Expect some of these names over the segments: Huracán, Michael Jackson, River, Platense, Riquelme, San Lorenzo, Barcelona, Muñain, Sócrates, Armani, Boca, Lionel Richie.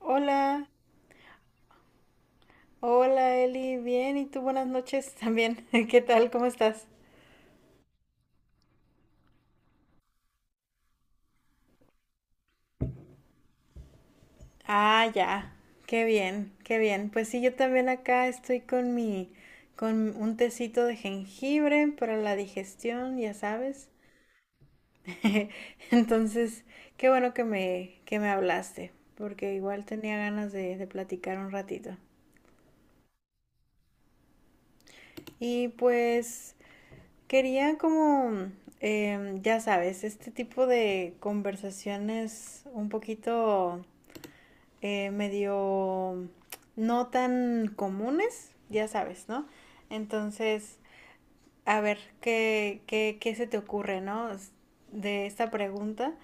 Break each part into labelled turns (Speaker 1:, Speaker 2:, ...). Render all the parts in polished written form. Speaker 1: Hola, hola Eli, bien, y tú buenas noches también. ¿Qué tal? ¿Cómo estás? Ah, ya, qué bien, qué bien. Pues sí, yo también acá estoy con con un tecito de jengibre para la digestión, ya sabes. Entonces, qué bueno que me hablaste, porque igual tenía ganas de platicar un ratito. Y pues, quería como, ya sabes, este tipo de conversaciones un poquito medio no tan comunes, ya sabes, ¿no? Entonces, a ver, ¿qué se te ocurre, ¿no? De esta pregunta,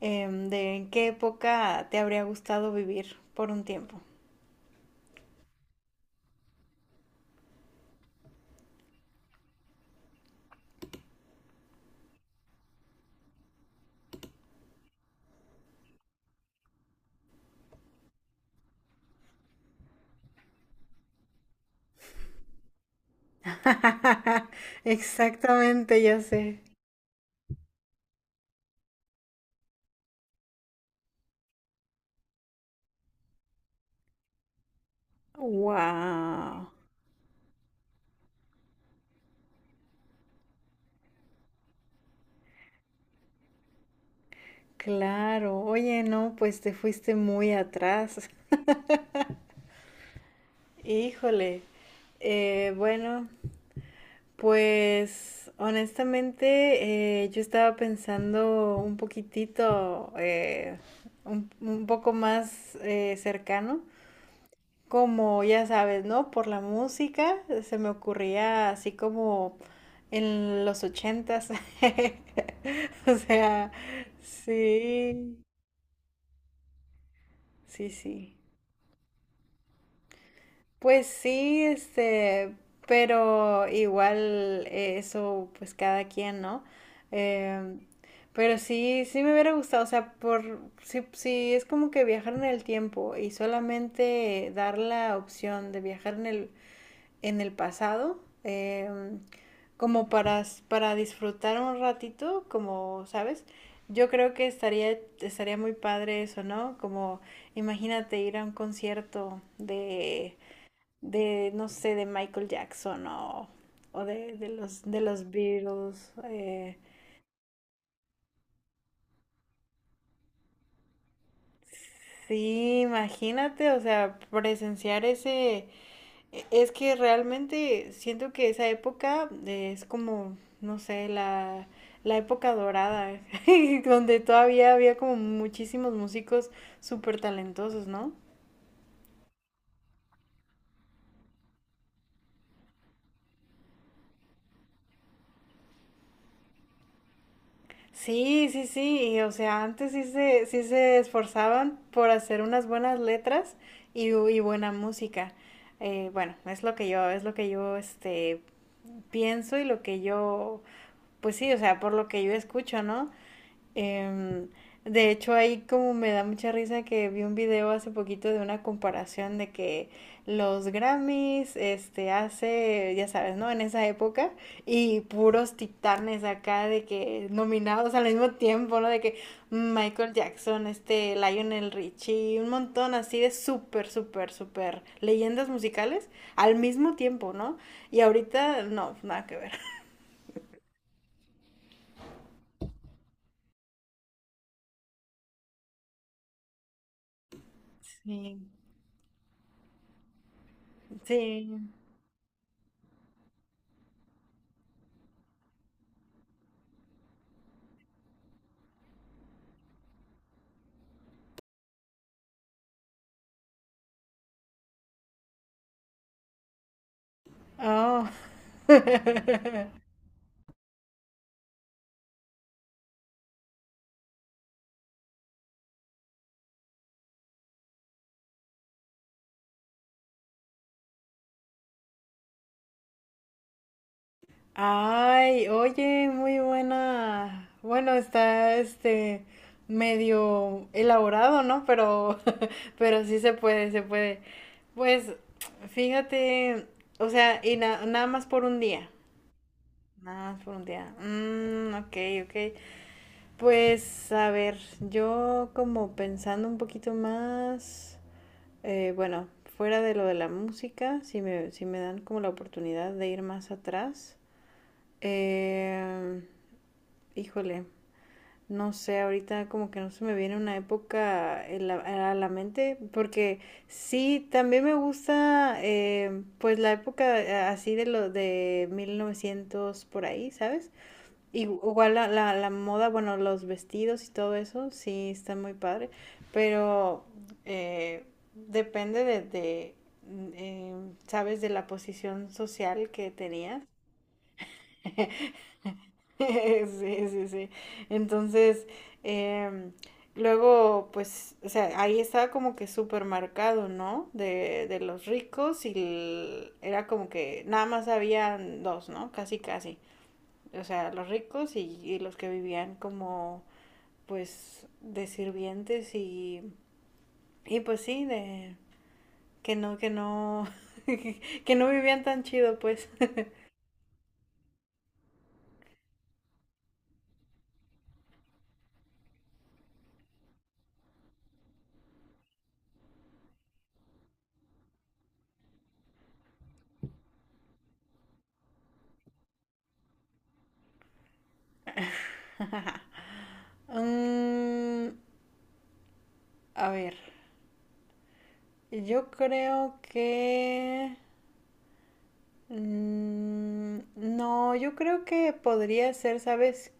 Speaker 1: de en qué época te habría gustado vivir por un tiempo. Exactamente, ya sé. Wow. Claro, oye, no, pues te fuiste muy atrás. Híjole. Bueno, pues honestamente, yo estaba pensando un poquitito, un poco más cercano. Como ya sabes, ¿no? Por la música se me ocurría así como en los ochentas. O sea, sí, sí, sí. Pues sí, pero igual, eso, pues cada quien, ¿no? Em, pero sí, sí me hubiera gustado, o sea, por, sí, sí, es como que viajar en el tiempo y solamente dar la opción de viajar en el pasado, em, como para, para disfrutar un ratito, como, ¿sabes? Yo creo que estaría muy padre eso, ¿no? Como, imagínate ir a un concierto de no sé, de Michael Jackson o de los Beatles. Sí, imagínate, o sea, presenciar ese. Es que realmente siento que esa época, es como, no sé, la época dorada, donde todavía había como muchísimos músicos súper talentosos, ¿no? Sí, sí, sí, y, o sea, antes sí se esforzaban por hacer unas buenas letras y, y buena música. Bueno, es es lo que yo, pienso y lo que yo, pues sí, o sea, por lo que yo escucho, ¿no? Em, de hecho, ahí como me da mucha risa que vi un video hace poquito de una comparación de que los Grammys, este, hace, ya sabes, ¿no? En esa época, y puros titanes acá de que nominados al mismo tiempo, ¿no? De que Michael Jackson, este, Lionel Richie, un montón así de súper, súper, súper leyendas musicales al mismo tiempo, ¿no? Y ahorita, no, nada que ver. Sí, sí. Oh. Ay, oye, muy buena. Bueno, está este medio elaborado, ¿no? Pero, pero sí se puede, se puede. Pues, fíjate, o sea, y nada más por un día. Nada más por un día. Mm, ok, ok. Pues, a ver, yo como pensando un poquito más. Bueno, fuera de lo de la música, si me dan como la oportunidad de ir más atrás, eh, híjole, no sé, ahorita como que no se me viene una época a la mente, porque sí, también me gusta, pues la época, así de lo de 1900 por ahí, ¿sabes? Igual la moda, bueno, los vestidos y todo eso, sí, está muy padre, pero, eh, depende de, eh, sabes, de la posición social que tenías. Sí, sí, sí. Entonces, em, luego, pues, o sea, ahí estaba como que súper marcado, ¿no? De los ricos era como que nada más habían dos, ¿no? Casi, casi. O sea, los ricos y los que vivían como pues de sirvientes y pues sí, de que no, que no vivían tan chido pues. Mm, a ver, yo creo que mm, no, yo creo que podría ser, ¿sabes?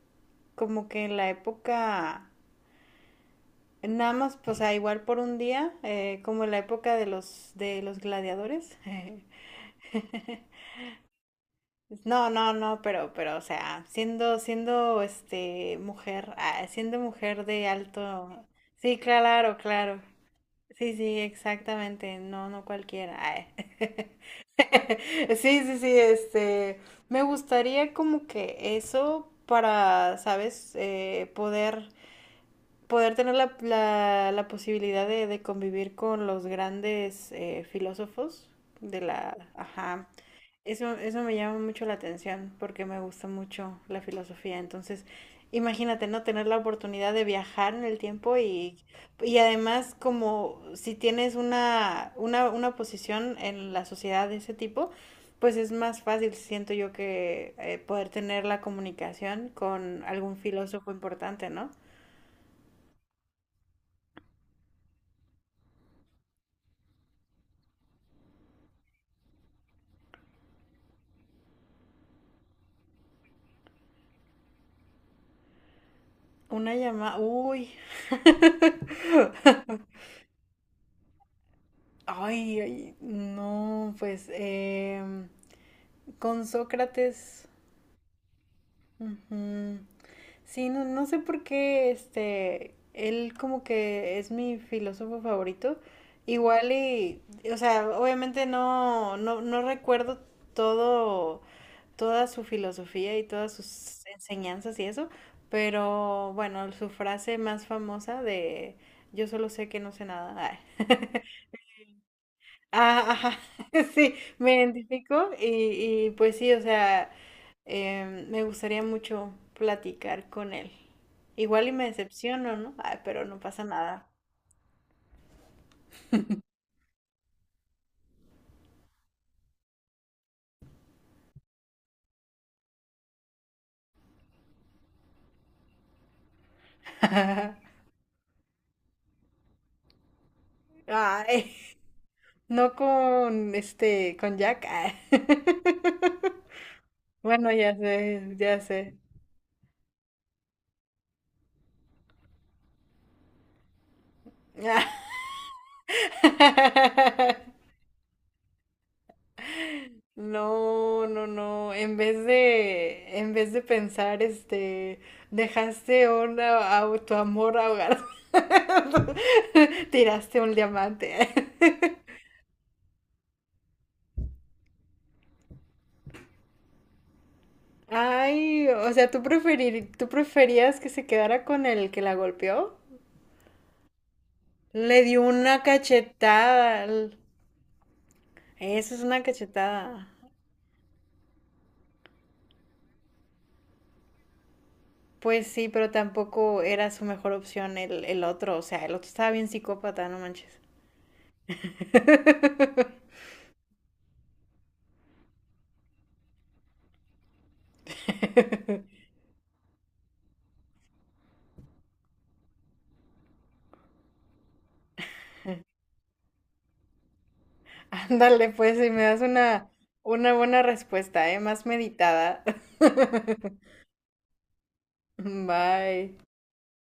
Speaker 1: Como que en la época. Nada más, pues, ah, igual por un día, como en la época de los gladiadores. No, no, no, pero, o sea, siendo, mujer, ah, siendo mujer de alto, sí, claro, claro, sí, sí, exactamente, no, no cualquiera, ay. Sí, sí, sí, me gustaría como que eso para, ¿sabes? Poder, poder tener la posibilidad de convivir con los grandes, filósofos de la, ajá. Eso me llama mucho la atención porque me gusta mucho la filosofía. Entonces, imagínate, ¿no? Tener la oportunidad de viajar en el tiempo y además como si tienes una posición en la sociedad de ese tipo, pues es más fácil, siento yo, que, poder tener la comunicación con algún filósofo importante, ¿no? Una llamada, uy, ay, ay, no, pues, con Sócrates. Ujú. Sí, no, no sé por qué, él como que es mi filósofo favorito. Igual y, o sea, obviamente no, no recuerdo todo, toda su filosofía y todas sus enseñanzas y eso, pero bueno, su frase más famosa de yo solo sé que no sé nada. Ay. Ah, ajá, sí, me identifico y pues sí, o sea, me gustaría mucho platicar con él. Igual y me decepciono, ¿no? Ay, pero no pasa nada. Ay, no con este, con Jack. Ay. Bueno, ya sé, ya sé. No, no, no. En vez de pensar, dejaste una, a tu amor ahogar. Tiraste un diamante. Ay, o sea, ¿tú preferir, tú preferías que se quedara con el que la golpeó? Le dio una cachetada. Eso es una cachetada. Pues sí, pero tampoco era su mejor opción el otro. O sea, el otro estaba bien psicópata, no manches. Ándale, pues, si me das una buena respuesta, ¿eh? Más meditada. Bye.